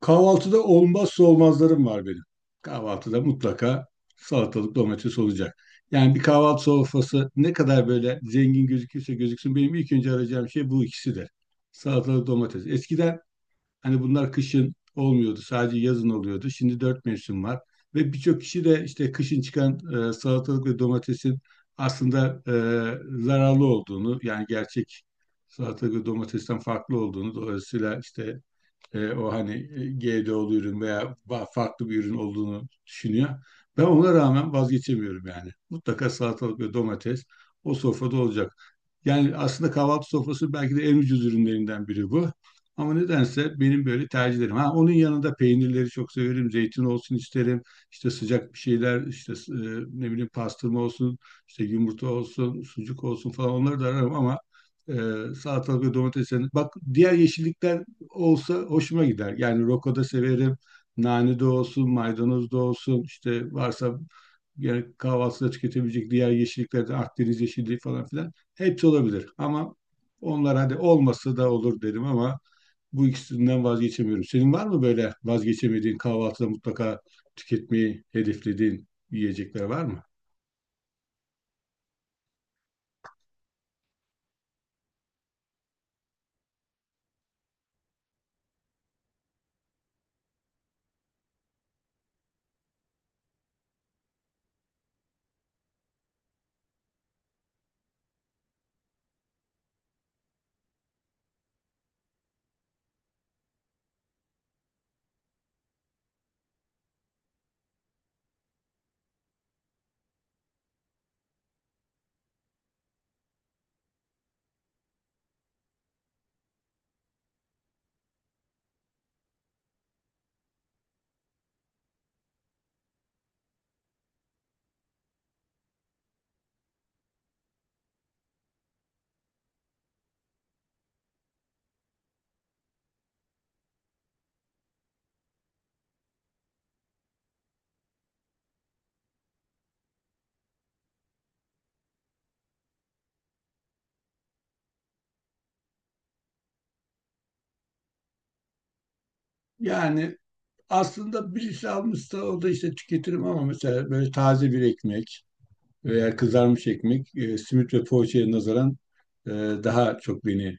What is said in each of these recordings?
Kahvaltıda olmazsa olmazlarım var benim. Kahvaltıda mutlaka salatalık domates olacak. Yani bir kahvaltı sofrası ne kadar böyle zengin gözükürse gözüksün benim ilk önce arayacağım şey bu ikisidir. Salatalık domates. Eskiden hani bunlar kışın olmuyordu. Sadece yazın oluyordu. Şimdi dört mevsim var. Ve birçok kişi de işte kışın çıkan salatalık ve domatesin aslında zararlı olduğunu yani gerçek salatalık ve domatesten farklı olduğunu dolayısıyla işte o hani GDO'lu ürün veya farklı bir ürün olduğunu düşünüyor. Ben ona rağmen vazgeçemiyorum yani. Mutlaka salatalık ve domates o sofrada olacak. Yani aslında kahvaltı sofrası belki de en ucuz ürünlerinden biri bu. Ama nedense benim böyle tercihlerim. Ha, onun yanında peynirleri çok severim. Zeytin olsun isterim. İşte sıcak bir şeyler, işte ne bileyim pastırma olsun, işte yumurta olsun, sucuk olsun falan onları da ararım ama e, salatalık ve domates. Bak diğer yeşillikler olsa hoşuma gider. Yani roko da severim. Nane de olsun, maydanoz da olsun. İşte varsa yani kahvaltıda tüketebilecek diğer yeşilliklerden Akdeniz yeşilliği falan filan hepsi olabilir. Ama onlar hadi olmasa da olur derim ama bu ikisinden vazgeçemiyorum. Senin var mı böyle vazgeçemediğin kahvaltıda mutlaka tüketmeyi hedeflediğin yiyecekler var mı? Yani aslında birisi almışsa o da işte tüketirim ama mesela böyle taze bir ekmek veya kızarmış ekmek simit ve poğaçaya nazaran e, daha çok beni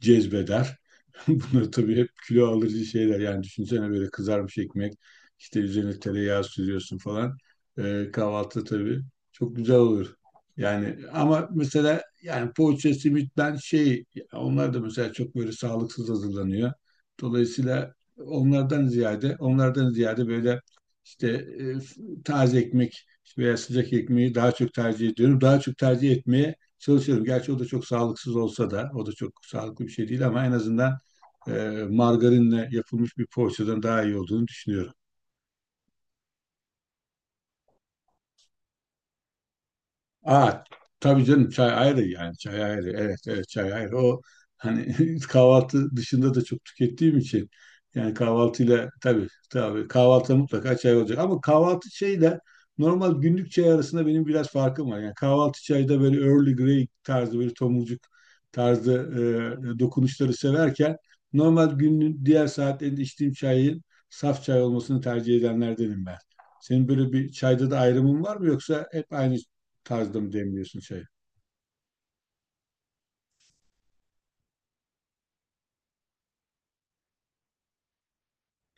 cezbeder. Bunlar tabii hep kilo alıcı şeyler. Yani düşünsene böyle kızarmış ekmek, işte üzerine tereyağı sürüyorsun falan. Kahvaltı tabii çok güzel olur. Yani ama mesela yani poğaça, simit ben şey onlar da mesela çok böyle sağlıksız hazırlanıyor. Dolayısıyla onlardan ziyade böyle işte taze ekmek veya sıcak ekmeği daha çok tercih ediyorum. Daha çok tercih etmeye çalışıyorum. Gerçi o da çok sağlıksız olsa da, o da çok sağlıklı bir şey değil ama en azından e, margarinle yapılmış bir poğaçadan daha iyi olduğunu düşünüyorum. Aa, tabii canım çay ayrı yani çay ayrı, evet evet, çay ayrı o hani kahvaltı dışında da çok tükettiğim için yani kahvaltıyla tabii tabii kahvaltıda mutlaka çay olacak ama kahvaltı çayıyla normal günlük çay arasında benim biraz farkım var. Yani kahvaltı çayda böyle Early Grey tarzı böyle tomurcuk tarzı dokunuşları severken normal günün diğer saatlerinde içtiğim çayın saf çay olmasını tercih edenlerdenim ben. Senin böyle bir çayda da ayrımın var mı yoksa hep aynı tarzda mı demliyorsun çayı?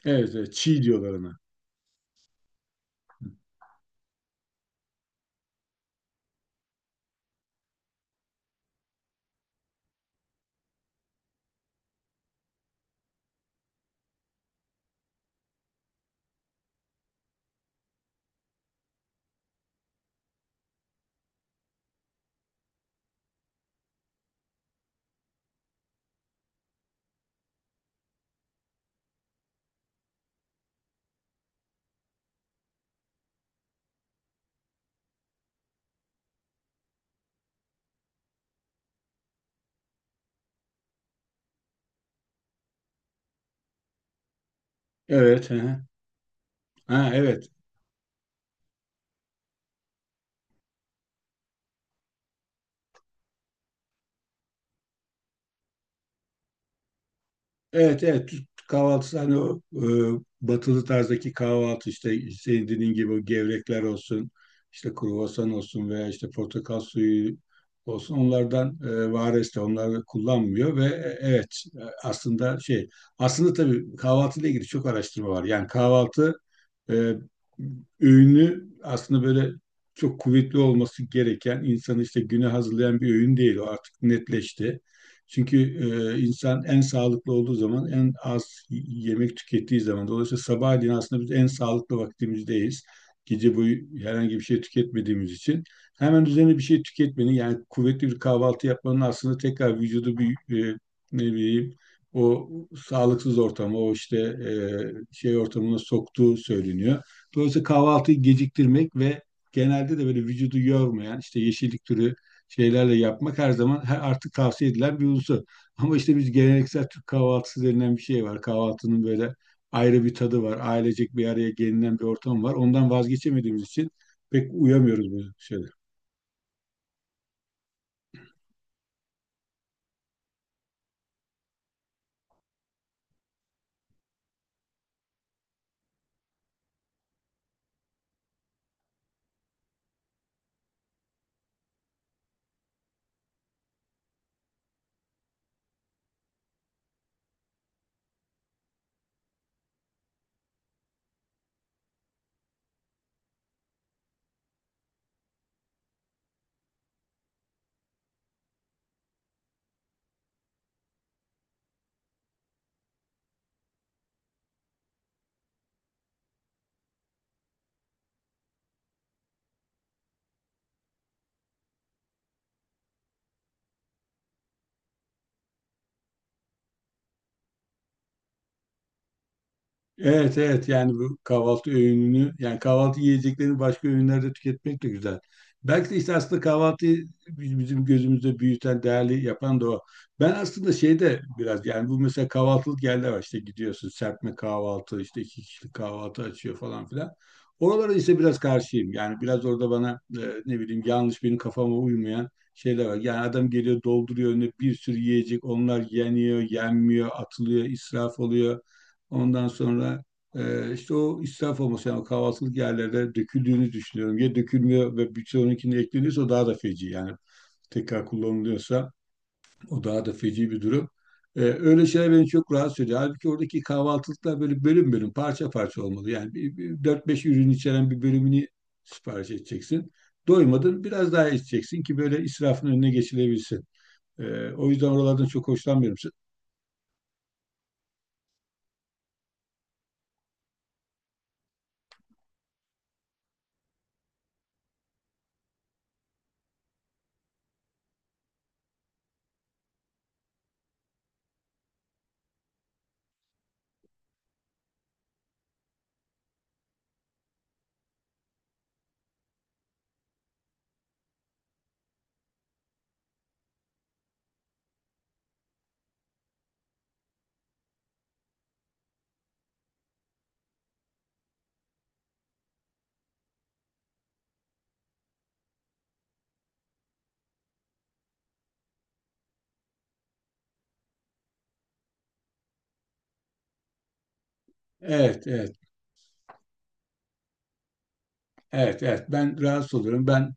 Evet, evet, çiğ diyorlar ona. Evet, hı hı. Ha, evet. Evet evet Türk kahvaltısı hani o batılı tarzdaki kahvaltı işte senin dediğin gibi o gevrekler olsun, işte kruvasan olsun veya işte portakal suyu olsun, onlardan vares de onları kullanmıyor ve evet aslında şey aslında tabii kahvaltıyla ilgili çok araştırma var. Yani kahvaltı e, öğünü aslında böyle çok kuvvetli olması gereken, insanı işte güne hazırlayan bir öğün değil, o artık netleşti. Çünkü insan en sağlıklı olduğu zaman en az yemek tükettiği zaman, dolayısıyla sabahleyin aslında biz en sağlıklı vaktimizdeyiz. Gece boyu herhangi bir şey tüketmediğimiz için hemen üzerine bir şey tüketmenin yani kuvvetli bir kahvaltı yapmanın aslında tekrar vücudu bir e, ne bileyim o sağlıksız ortama, o işte şey ortamına soktuğu söyleniyor. Dolayısıyla kahvaltıyı geciktirmek ve genelde de böyle vücudu yormayan işte yeşillik türü şeylerle yapmak her zaman her artık tavsiye edilen bir unsur. Ama işte biz geleneksel Türk kahvaltısı denilen bir şey var. Kahvaltının böyle ayrı bir tadı var. Ailecek bir araya gelinen bir ortam var. Ondan vazgeçemediğimiz için pek uyamıyoruz bu şeyler. Evet evet, yani bu kahvaltı öğününü yani kahvaltı yiyeceklerini başka öğünlerde tüketmek de güzel. Belki de işte aslında kahvaltıyı bizim gözümüzde büyüten, değerli yapan da o. Ben aslında şeyde biraz yani bu mesela kahvaltılık yerler var, işte gidiyorsun serpme kahvaltı işte iki kişilik kahvaltı açıyor falan filan. Oralara işte biraz karşıyım yani biraz orada bana ne bileyim yanlış, benim kafama uymayan şeyler var. Yani adam geliyor dolduruyor önüne bir sürü yiyecek, onlar yeniyor, yenmiyor, atılıyor, israf oluyor. Ondan sonra işte o israf olması yani o kahvaltılık yerlerde döküldüğünü düşünüyorum. Ya dökülmüyor ve birçoğununkine ekleniyorsa o daha da feci yani tekrar kullanılıyorsa o daha da feci bir durum. Öyle şeyler beni çok rahatsız ediyor. Halbuki oradaki kahvaltılıklar böyle bölüm bölüm, parça parça olmalı. Yani 4-5 ürün içeren bir bölümünü sipariş edeceksin. Doymadın biraz daha içeceksin ki böyle israfın önüne geçilebilsin. O yüzden oralardan çok hoşlanmıyorum. Evet, evet, evet, evet. Ben rahatsız oluyorum. Ben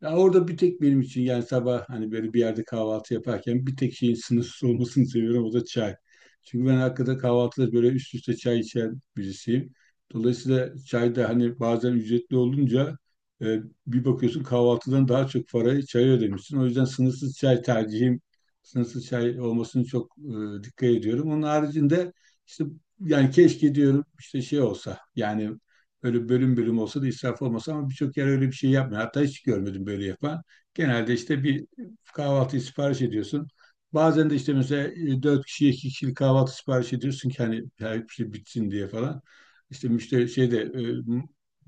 ya orada bir tek benim için yani sabah hani böyle bir yerde kahvaltı yaparken bir tek şeyin sınırsız olmasını seviyorum, o da çay. Çünkü ben hakikaten kahvaltıda böyle üst üste çay içen birisiyim. Dolayısıyla çay da hani bazen ücretli olunca e, bir bakıyorsun kahvaltıdan daha çok parayı çaya ödemişsin. O yüzden sınırsız çay tercihim, sınırsız çay olmasını çok dikkat ediyorum. Onun haricinde işte yani keşke diyorum işte şey olsa yani, böyle bölüm bölüm olsa da israf olmasa, ama birçok yer öyle bir şey yapmıyor. Hatta hiç görmedim böyle yapan. Genelde işte bir kahvaltıyı sipariş ediyorsun. Bazen de işte mesela dört kişiye iki kişilik kahvaltı sipariş ediyorsun ki hani her şey bitsin diye falan. İşte müşteri şeyde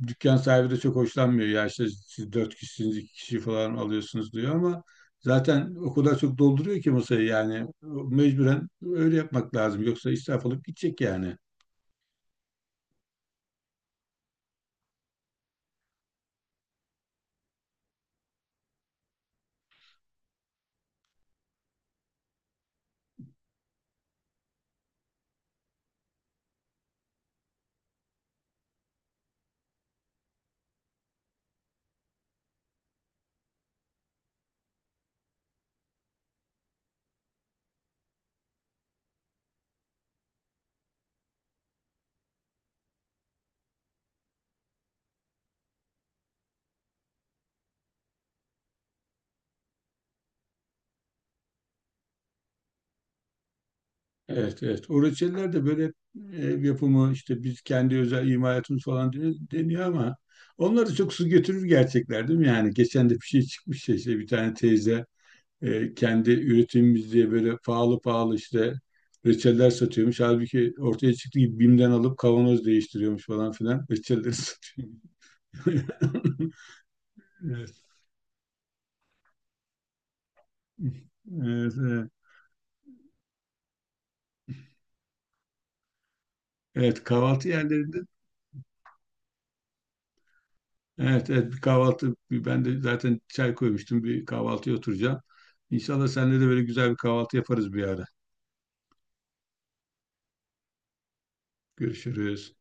dükkan sahibi de çok hoşlanmıyor. Ya işte siz dört kişisiniz iki kişi falan alıyorsunuz diyor ama zaten o kadar çok dolduruyor ki masayı yani mecburen öyle yapmak lazım. Yoksa israf olup gidecek yani. Evet, evet. O reçeller de böyle ev yapımı, işte biz kendi özel imalatımız falan deniyor ama onlar da çok su götürür gerçekler değil mi? Yani geçen de bir şey çıkmış ya, işte bir tane teyze kendi üretimimiz diye böyle pahalı pahalı işte reçeller satıyormuş. Halbuki ortaya çıktı gibi BİM'den alıp kavanoz değiştiriyormuş falan filan. Reçelleri satıyor. Evet. Evet, evet. Evet, kahvaltı yerlerinde. Evet, evet, bir kahvaltı bir- ben de zaten çay koymuştum, bir kahvaltıya oturacağım. İnşallah seninle de böyle güzel bir kahvaltı yaparız bir ara. Görüşürüz.